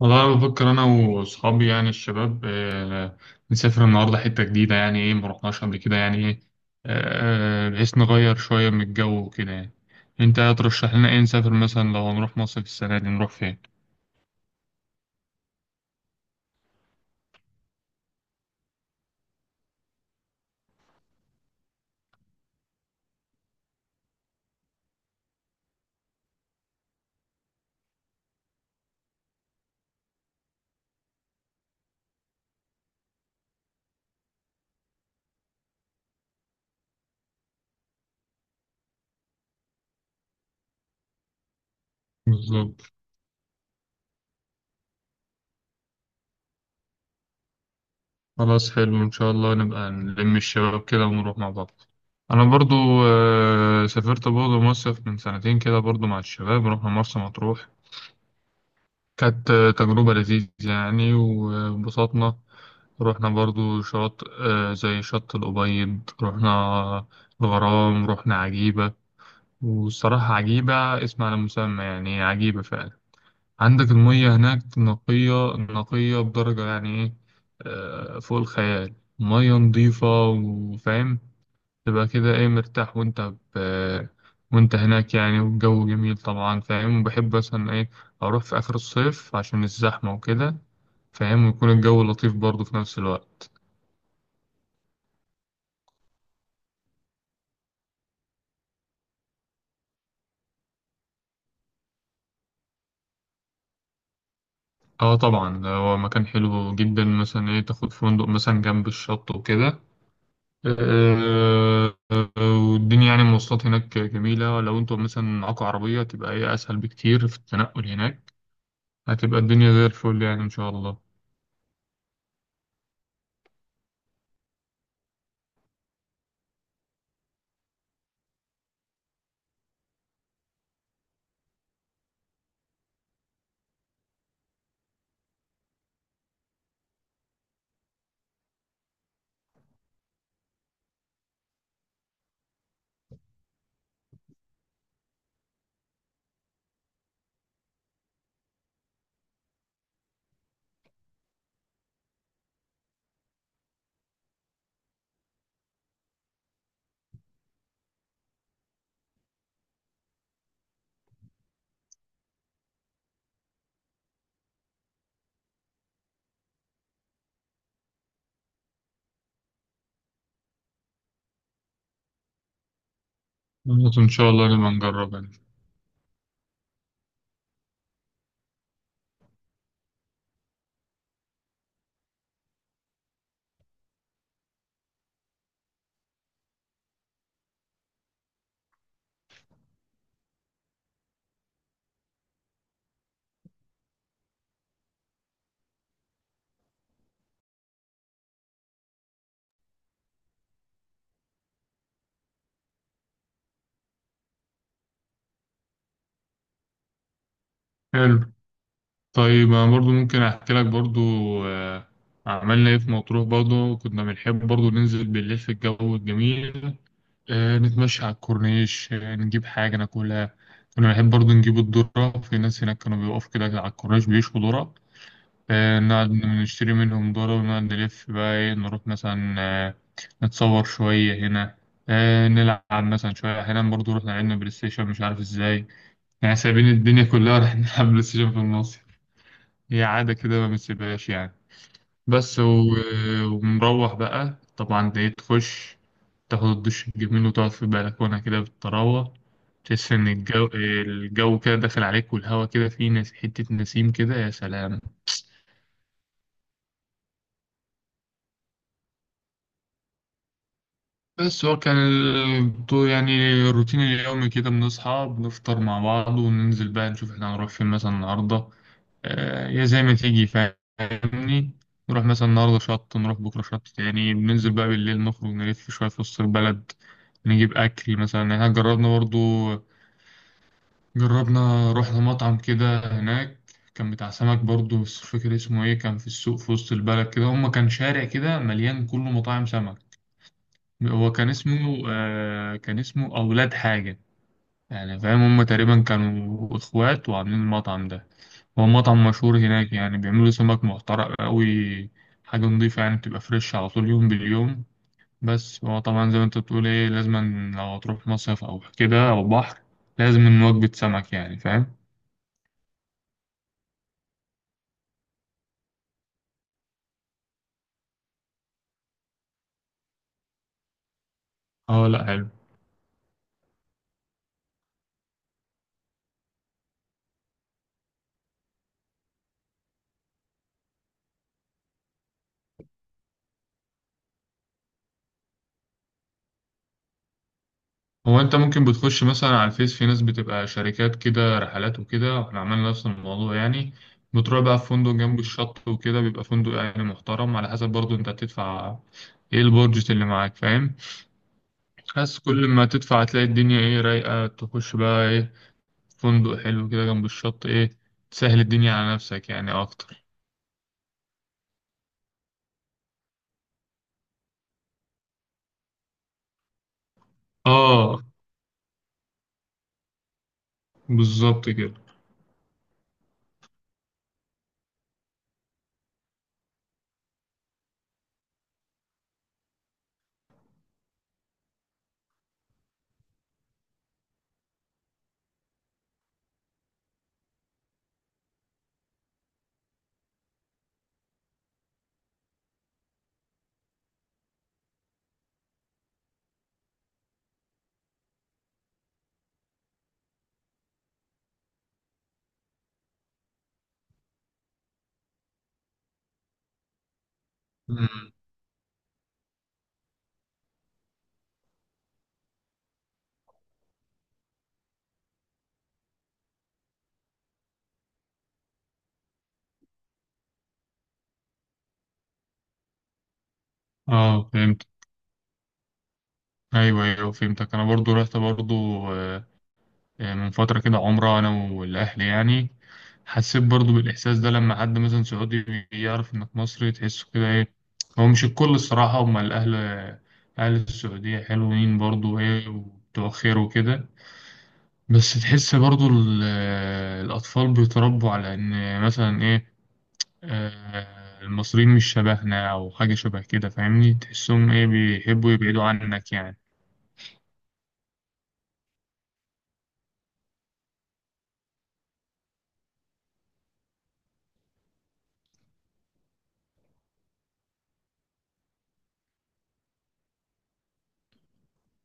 والله أنا بفكر أنا وأصحابي يعني الشباب، نسافر النهاردة حتة جديدة يعني إيه مرحناش قبل كده يعني إيه. بحيث نغير شوية من الجو وكده يعني. أنت هترشح لنا إيه نسافر مثلا؟ لو هنروح مصيف السنة دي نروح فين؟ بالظبط. خلاص حلو، إن شاء الله نبقى نلم الشباب كده ونروح مع بعض. أنا برضو سافرت برضو مصيف من سنتين كده برضو مع الشباب، رحنا مرسى مطروح. كانت تجربة لذيذة يعني وانبسطنا. رحنا برضو شاطئ زي شط الأبيض رحنا، الغرام رحنا، عجيبة. والصراحة عجيبة، اسم على مسمى يعني، عجيبة فعلا. عندك المية هناك نقية نقية بدرجة يعني إيه، فوق الخيال. مية نظيفة وفاهم، تبقى كده إيه مرتاح. ب... وأنت هناك يعني والجو جميل طبعا فاهم. وبحب مثلا إيه أروح في آخر الصيف عشان الزحمة وكده، فاهم، ويكون الجو لطيف برضه في نفس الوقت. اه طبعا، ده هو مكان حلو جدا. مثلا ايه تاخد فندق مثلا جنب الشط وكده. آه، آه، والدنيا يعني المواصلات هناك جميلة. لو انتوا مثلا معاكوا عربية تبقى ايه اسهل بكتير في التنقل هناك. هتبقى الدنيا زي الفل يعني ان شاء الله. خلاص، ان شاء الله نبقى نجرب يعني. حلو. طيب انا برضو ممكن احكي لك برضو آه، عملنا ايه في مطروح. برضو كنا بنحب برضو ننزل بالليل في الجو الجميل، نتمشى على الكورنيش، نجيب حاجة ناكلها. كنا بنحب برضو نجيب الذرة. في ناس هناك كانوا بيقفوا كده على الكورنيش بيشوا ذرة، نقعد نشتري منهم ذرة، ونقعد نلف بقى ايه، نروح مثلا نتصور شوية هنا، نلعب مثلا شوية. أحيانا برضو رحنا لعبنا بلاي ستيشن، مش عارف ازاي يعني، سايبين الدنيا كلها رايحين نلعب بلاي ستيشن في النص. هي عادة كده ما بنسيبهاش يعني. بس و... ونروح بقى طبعا دي، تخش تاخد الدش الجميل وتقعد في البلكونة كده بالطراوة، تحس إن الجو كده داخل عليك، والهوا كده فيه حتة نسيم كده، يا سلام. بس هو كان ال- طو- يعني الروتين اليومي كده بنصحى بنفطر مع بعض وننزل بقى نشوف احنا هنروح فين مثلا النهاردة. يا زي ما تيجي فاهمني، نروح مثلا النهاردة شط، نروح بكرة شط تاني. بننزل بقى بالليل نخرج نلف شوية في وسط البلد، نجيب أكل مثلا. يعني احنا جربنا برضو، جربنا رحنا مطعم كده هناك كان بتاع سمك برضو، بس مش فاكر اسمه ايه. كان في السوق في وسط البلد كده، هما كان شارع كده مليان كله مطاعم سمك. هو كان اسمه آه، كان اسمه أولاد حاجة، يعني فاهم هم تقريبا كانوا إخوات وعاملين المطعم ده. هو مطعم مشهور هناك يعني، بيعملوا سمك محترق أوي، حاجة نضيفة يعني، بتبقى فريش على طول يوم باليوم. بس هو طبعا زي ما انت بتقول ايه، لازم لو هتروح مصيف أو كده أو بحر، لازم وجبة سمك يعني فاهم. اه لا حلو. هو انت ممكن بتخش مثلا على الفيس، في ناس بتبقى شركات كده رحلات وكده، واحنا عملنا نفس الموضوع يعني. بتروح بقى في فندق جنب الشط وكده، بيبقى فندق يعني محترم على حسب برضو انت هتدفع ايه، البادجت اللي معاك فاهم. بس كل ما تدفع هتلاقي الدنيا ايه رايقة، تخش بقى ايه فندق حلو كده جنب الشط ايه، تسهل الدنيا على نفسك يعني اكتر. اه بالظبط كده. مم. اه فهمت. ايوه ايوه فهمتك. انا برضو رحت برضو آه، من فترة كده عمرة، أنا والأهل يعني. حسيت برضو بالإحساس ده، لما حد مثلا سعودي يعرف إنك مصري تحسه كده إيه. هو مش الكل الصراحة، هما الأهل أهل السعودية حلوين برضو إيه وبتوع خير وكده، بس تحس برضو الأطفال بيتربوا على إن مثلا إيه، المصريين مش شبهنا أو حاجة شبه كده فاهمني، تحسهم إيه بيحبوا يبعدوا عنك يعني.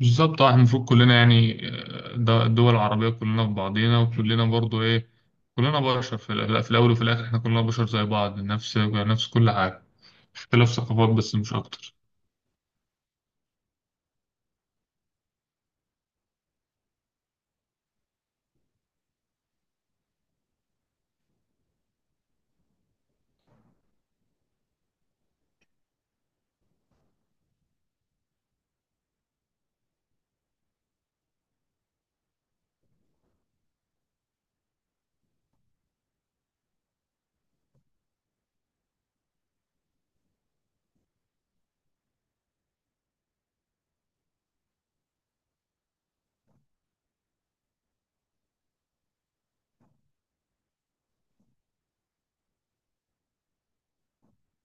بالظبط اه، احنا المفروض كلنا يعني ده الدول العربية كلنا في بعضينا، وكلنا برضو ايه كلنا بشر في في الأول وفي الآخر احنا كلنا بشر زي بعض، نفس كل حاجة، اختلاف ثقافات بس مش أكتر.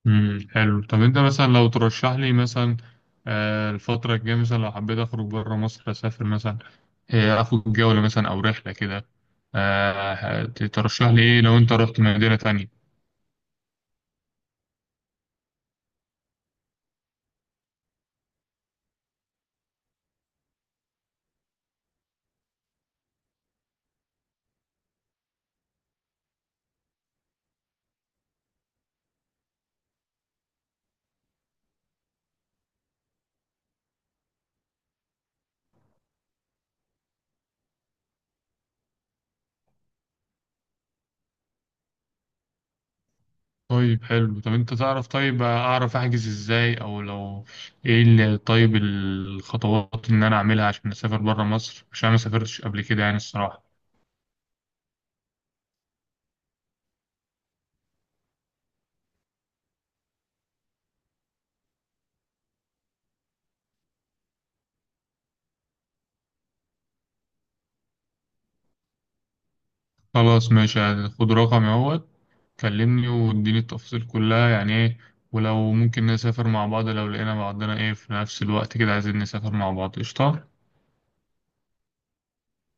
حلو. طب أنت مثلا لو ترشح لي مثلا الفترة الجاية، مثلا لو حبيت أخرج بره مصر أسافر مثلا، أخد جولة مثلا أو رحلة كده، ترشح لي إيه لو أنت رحت مدينة تانية؟ طيب حلو. طب انت تعرف، طيب اعرف احجز ازاي، او لو ايه اللي، طيب الخطوات ان انا اعملها عشان اسافر برا مصر، عشان انا ما سافرتش قبل كده يعني الصراحة. خلاص ماشي، خد رقمي اهوت، كلمني واديني التفاصيل كلها يعني ايه، ولو ممكن نسافر مع بعض لو لقينا بعضنا ايه في نفس الوقت كده، عايزين نسافر مع بعض. قشطة.